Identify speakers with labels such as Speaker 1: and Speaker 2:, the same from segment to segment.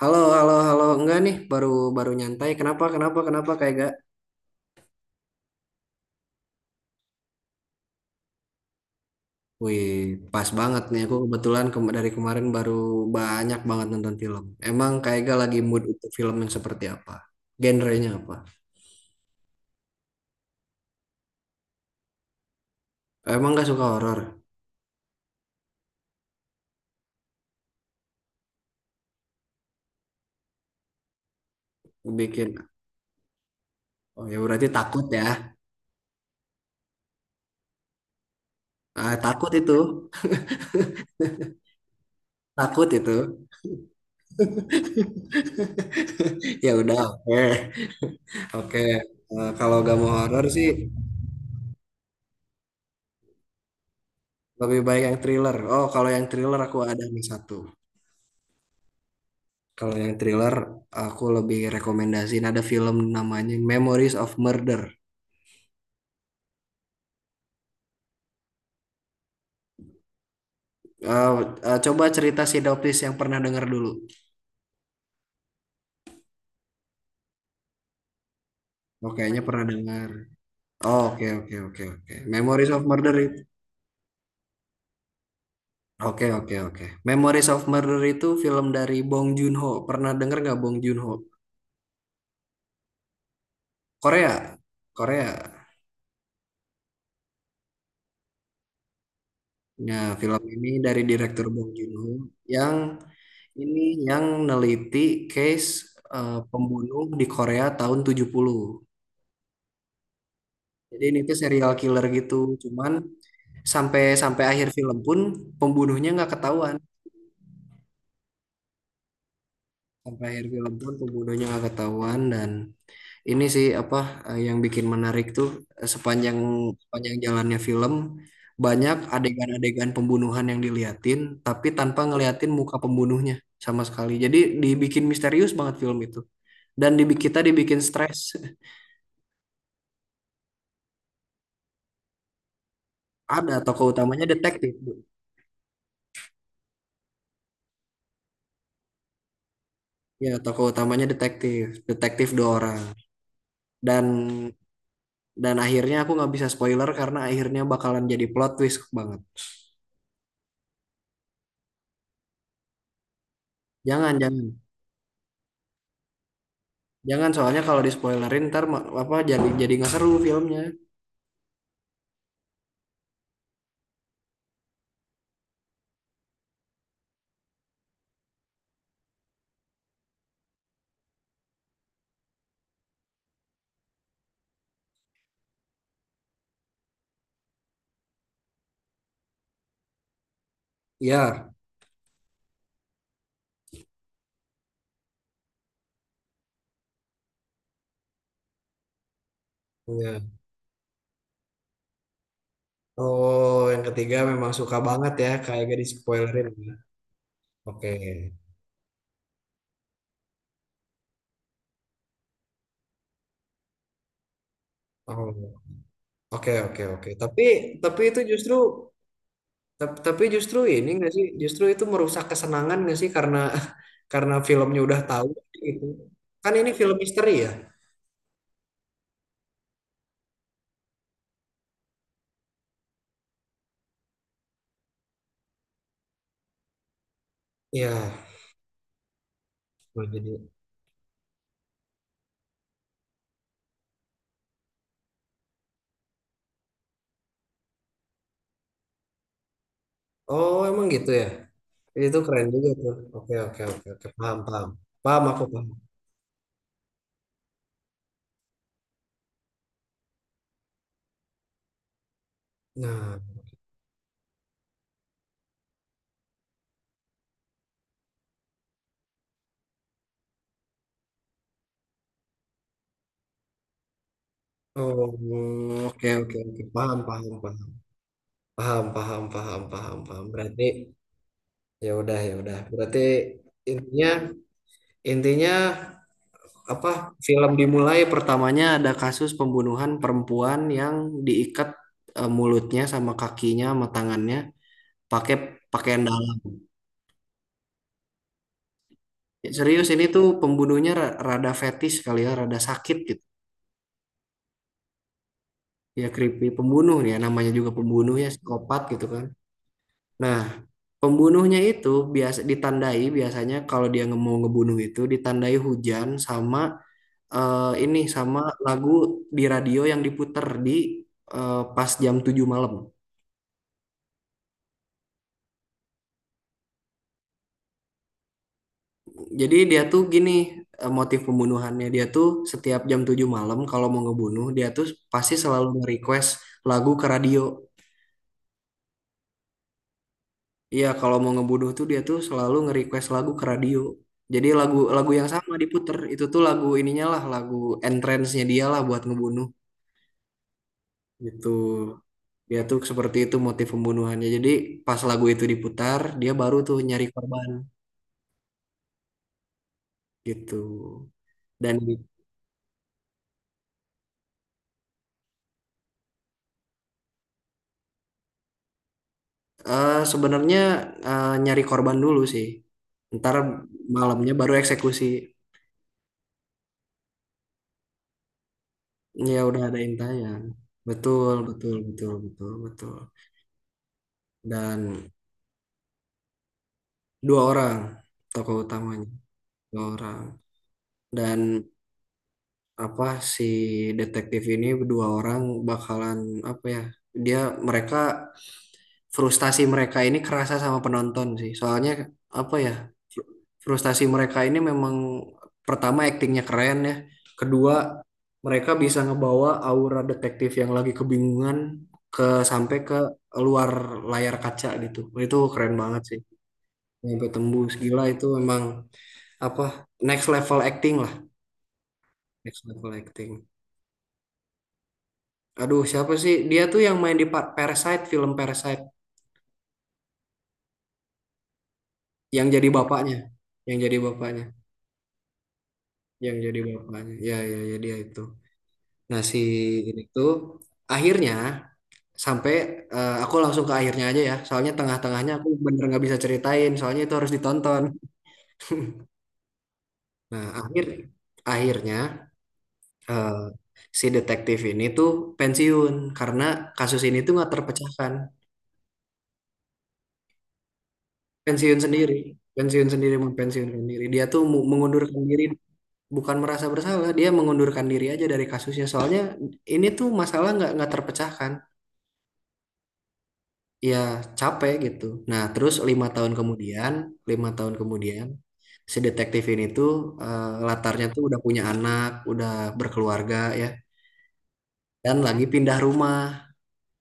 Speaker 1: Halo, halo, halo. Enggak nih, baru baru nyantai. Kenapa, kenapa, kenapa kayak gak? Wih, pas banget nih. Aku kebetulan dari kemarin baru banyak banget nonton film. Emang kayak gak lagi mood untuk film yang seperti apa? Genrenya apa? Emang gak suka horor? Bikin. Oh ya berarti takut ya. Ah, takut itu. Takut itu. Ya udah, oke. Oke. Eh, kalau gak mau horor sih lebih baik yang thriller. Oh, kalau yang thriller aku ada nih satu. Kalau yang thriller, aku lebih rekomendasiin ada film namanya Memories of Murder. Eh, coba cerita sinopsis yang pernah dengar dulu. Oh, kayaknya pernah dengar. Oh, oke, oke, oke, oke. Memories of Murder itu. Oke, oke, oke. Memories of Murder itu film dari Bong Joon-ho. Pernah dengar nggak Bong Joon-ho? Korea. Korea. Nah, film ini dari direktur Bong Joon-ho yang ini yang neliti case pembunuh di Korea tahun 70. Jadi ini tuh serial killer gitu, cuman sampai sampai akhir film pun pembunuhnya nggak ketahuan. Sampai akhir film pun pembunuhnya nggak ketahuan. Dan ini sih apa yang bikin menarik tuh sepanjang sepanjang jalannya film banyak adegan-adegan pembunuhan yang diliatin tapi tanpa ngeliatin muka pembunuhnya sama sekali. Jadi dibikin misterius banget film itu. Dan dibikin kita dibikin stres. Ada tokoh utamanya detektif. Bu. Ya, tokoh utamanya detektif. Detektif dua orang. dan dan akhirnya aku nggak bisa spoiler karena akhirnya bakalan jadi plot twist banget. Jangan, jangan. Jangan soalnya kalau di spoilerin ntar apa jadi nggak seru filmnya. Iya. Iya. Oh, yang ketiga memang suka banget ya kayak gak di spoilerin. Oke. Oh, oke oke oke. Tapi itu justru tapi justru ini nggak sih? Justru itu merusak kesenangan nggak sih karena karena filmnya udah tahu gitu. Kan ini film misteri ya? Iya. Oh, jadi Oh, emang gitu ya? Itu keren juga tuh. Oke, oke, oke, oke. Paham, paham. Paham, aku paham. Nah, oh, oke, oke, oke. Paham, paham, paham. Paham, paham, paham, paham, paham. Berarti ya udah, ya udah. Berarti intinya intinya apa? Film dimulai pertamanya ada kasus pembunuhan perempuan yang diikat mulutnya sama kakinya sama tangannya pakai pakaian dalam. Serius ini tuh pembunuhnya rada fetis kali ya, rada sakit gitu. Ya creepy pembunuh ya namanya juga pembunuh ya psikopat gitu kan. Nah, pembunuhnya itu biasa ditandai biasanya kalau dia mau ngebunuh itu ditandai hujan sama ini sama lagu di radio yang diputer pas jam 7 malam. Jadi dia tuh gini motif pembunuhannya dia tuh setiap jam 7 malam kalau mau ngebunuh dia tuh pasti selalu nge-request lagu ke radio. Iya, kalau mau ngebunuh tuh dia tuh selalu nge-request lagu ke radio. Jadi lagu lagu yang sama diputer. Itu tuh lagu ininya lah, lagu entrance-nya dia lah buat ngebunuh gitu. Dia tuh seperti itu motif pembunuhannya. Jadi pas lagu itu diputar, dia baru tuh nyari korban gitu. Dan sebenarnya nyari korban dulu sih. Ntar malamnya baru eksekusi. Ya udah ada intinya. Betul, betul, betul, betul, betul. Dan dua orang, tokoh utamanya dua orang. Dan apa, si detektif ini dua orang bakalan apa ya, dia mereka frustasi. Mereka ini kerasa sama penonton sih soalnya apa ya, fr- frustasi mereka ini memang. Pertama aktingnya keren ya, kedua mereka bisa ngebawa aura detektif yang lagi kebingungan ke sampai ke luar layar kaca gitu, itu keren banget sih. Sampai tembus gila itu memang apa, next level acting lah, next level acting. Aduh siapa sih dia tuh yang main di Parasite, film Parasite yang jadi bapaknya yang jadi bapaknya ya ya ya dia itu. Nah si ini tuh akhirnya sampai aku langsung ke akhirnya aja ya soalnya tengah-tengahnya aku bener nggak bisa ceritain soalnya itu harus ditonton. Nah akhirnya eh, si detektif ini tuh pensiun karena kasus ini tuh nggak terpecahkan. Pensiun sendiri, pensiun sendiri mau pensiun sendiri dia tuh mengundurkan diri. Bukan merasa bersalah, dia mengundurkan diri aja dari kasusnya soalnya ini tuh masalah nggak terpecahkan ya, capek gitu. Nah terus 5 tahun kemudian, 5 tahun kemudian si detektif ini tuh latarnya tuh udah punya anak udah berkeluarga ya, dan lagi pindah rumah,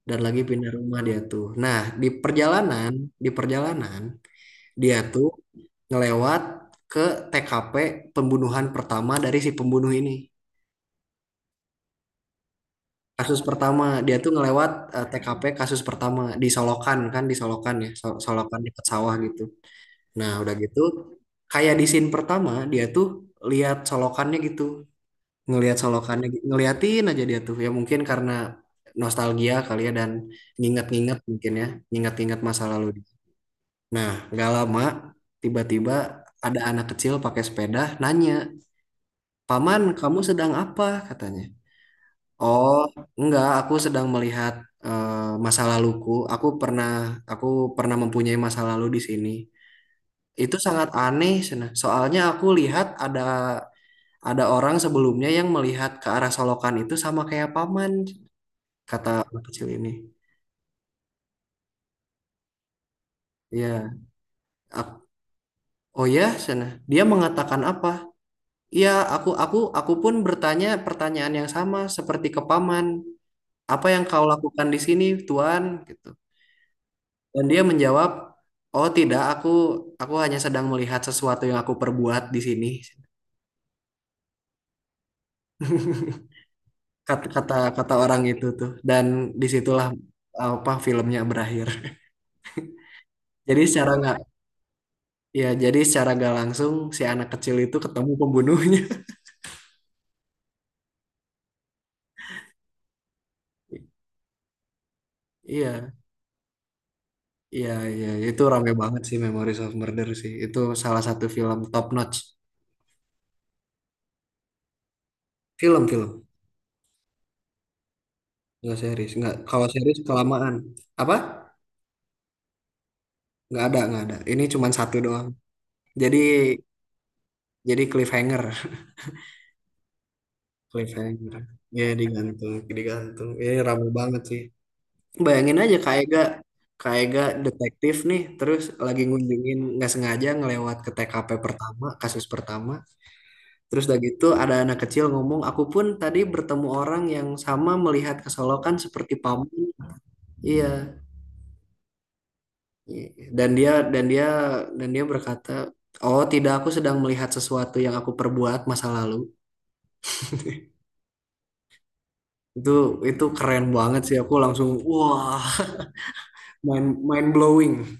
Speaker 1: dan lagi pindah rumah dia tuh. Nah di perjalanan, di perjalanan dia tuh ngelewat ke TKP pembunuhan pertama dari si pembunuh ini. Kasus pertama, dia tuh ngelewat TKP kasus pertama di Solokan kan, di Solokan ya, Solokan dekat sawah gitu. Nah, udah gitu kayak di scene pertama dia tuh lihat Solokannya gitu, ngelihat Solokannya, ngeliatin aja dia tuh. Ya mungkin karena nostalgia kali ya, dan nginget-nginget mungkin ya, nginget-nginget masa lalu. Nah, nggak lama tiba-tiba ada anak kecil pakai sepeda nanya, "Paman, kamu sedang apa?" katanya. "Oh, enggak, aku sedang melihat masa laluku. Aku pernah mempunyai masa lalu di sini. Itu sangat aneh, Sena. Soalnya aku lihat ada orang sebelumnya yang melihat ke arah solokan itu sama kayak paman," kata anak kecil ini. Iya. Ak- Oh ya, Sena. Dia mengatakan apa? Iya, aku pun bertanya pertanyaan yang sama seperti ke paman. "Apa yang kau lakukan di sini, Tuan?" gitu. Dan dia menjawab, "Oh tidak, aku hanya sedang melihat sesuatu yang aku perbuat di sini." Kata kata kata orang itu tuh. Dan disitulah apa filmnya berakhir. Jadi secara nggak jadi secara nggak langsung si anak kecil itu ketemu pembunuhnya. Iya, iya, iya. Itu rame banget sih Memories of Murder sih. Itu salah satu film top notch. Film, film. Nggak series. Nggak, kalau series kelamaan. Apa? Nggak ada, nggak ada. Ini cuma satu doang. Jadi, jadi cliffhanger. Cliffhanger. Ya digantung, digantung. Ini rame banget sih. Bayangin aja Kak Ega detektif nih, terus lagi ngunjungin nggak sengaja ngelewat ke TKP pertama, kasus pertama. Terus udah gitu ada anak kecil ngomong, "Aku pun tadi bertemu orang yang sama melihat kesolokan seperti paman." Iya. Dan dia dan dia dan dia berkata, "Oh tidak aku sedang melihat sesuatu yang aku perbuat masa lalu." Itu itu keren banget sih. Aku langsung wah, mind blowing.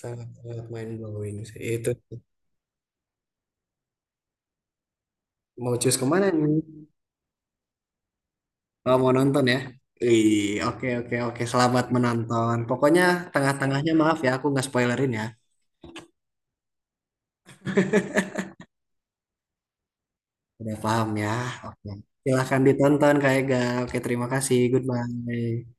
Speaker 1: Sangat, sangat mind blowing sih. Itu mau cus kemana nih? Oh, mau nonton ya? Ih, oke oke oke. Selamat menonton. Pokoknya tengah-tengahnya maaf ya, aku nggak spoilerin ya. Udah paham ya? Oke. Silahkan ditonton Kak Ega. Oke, terima kasih. Goodbye.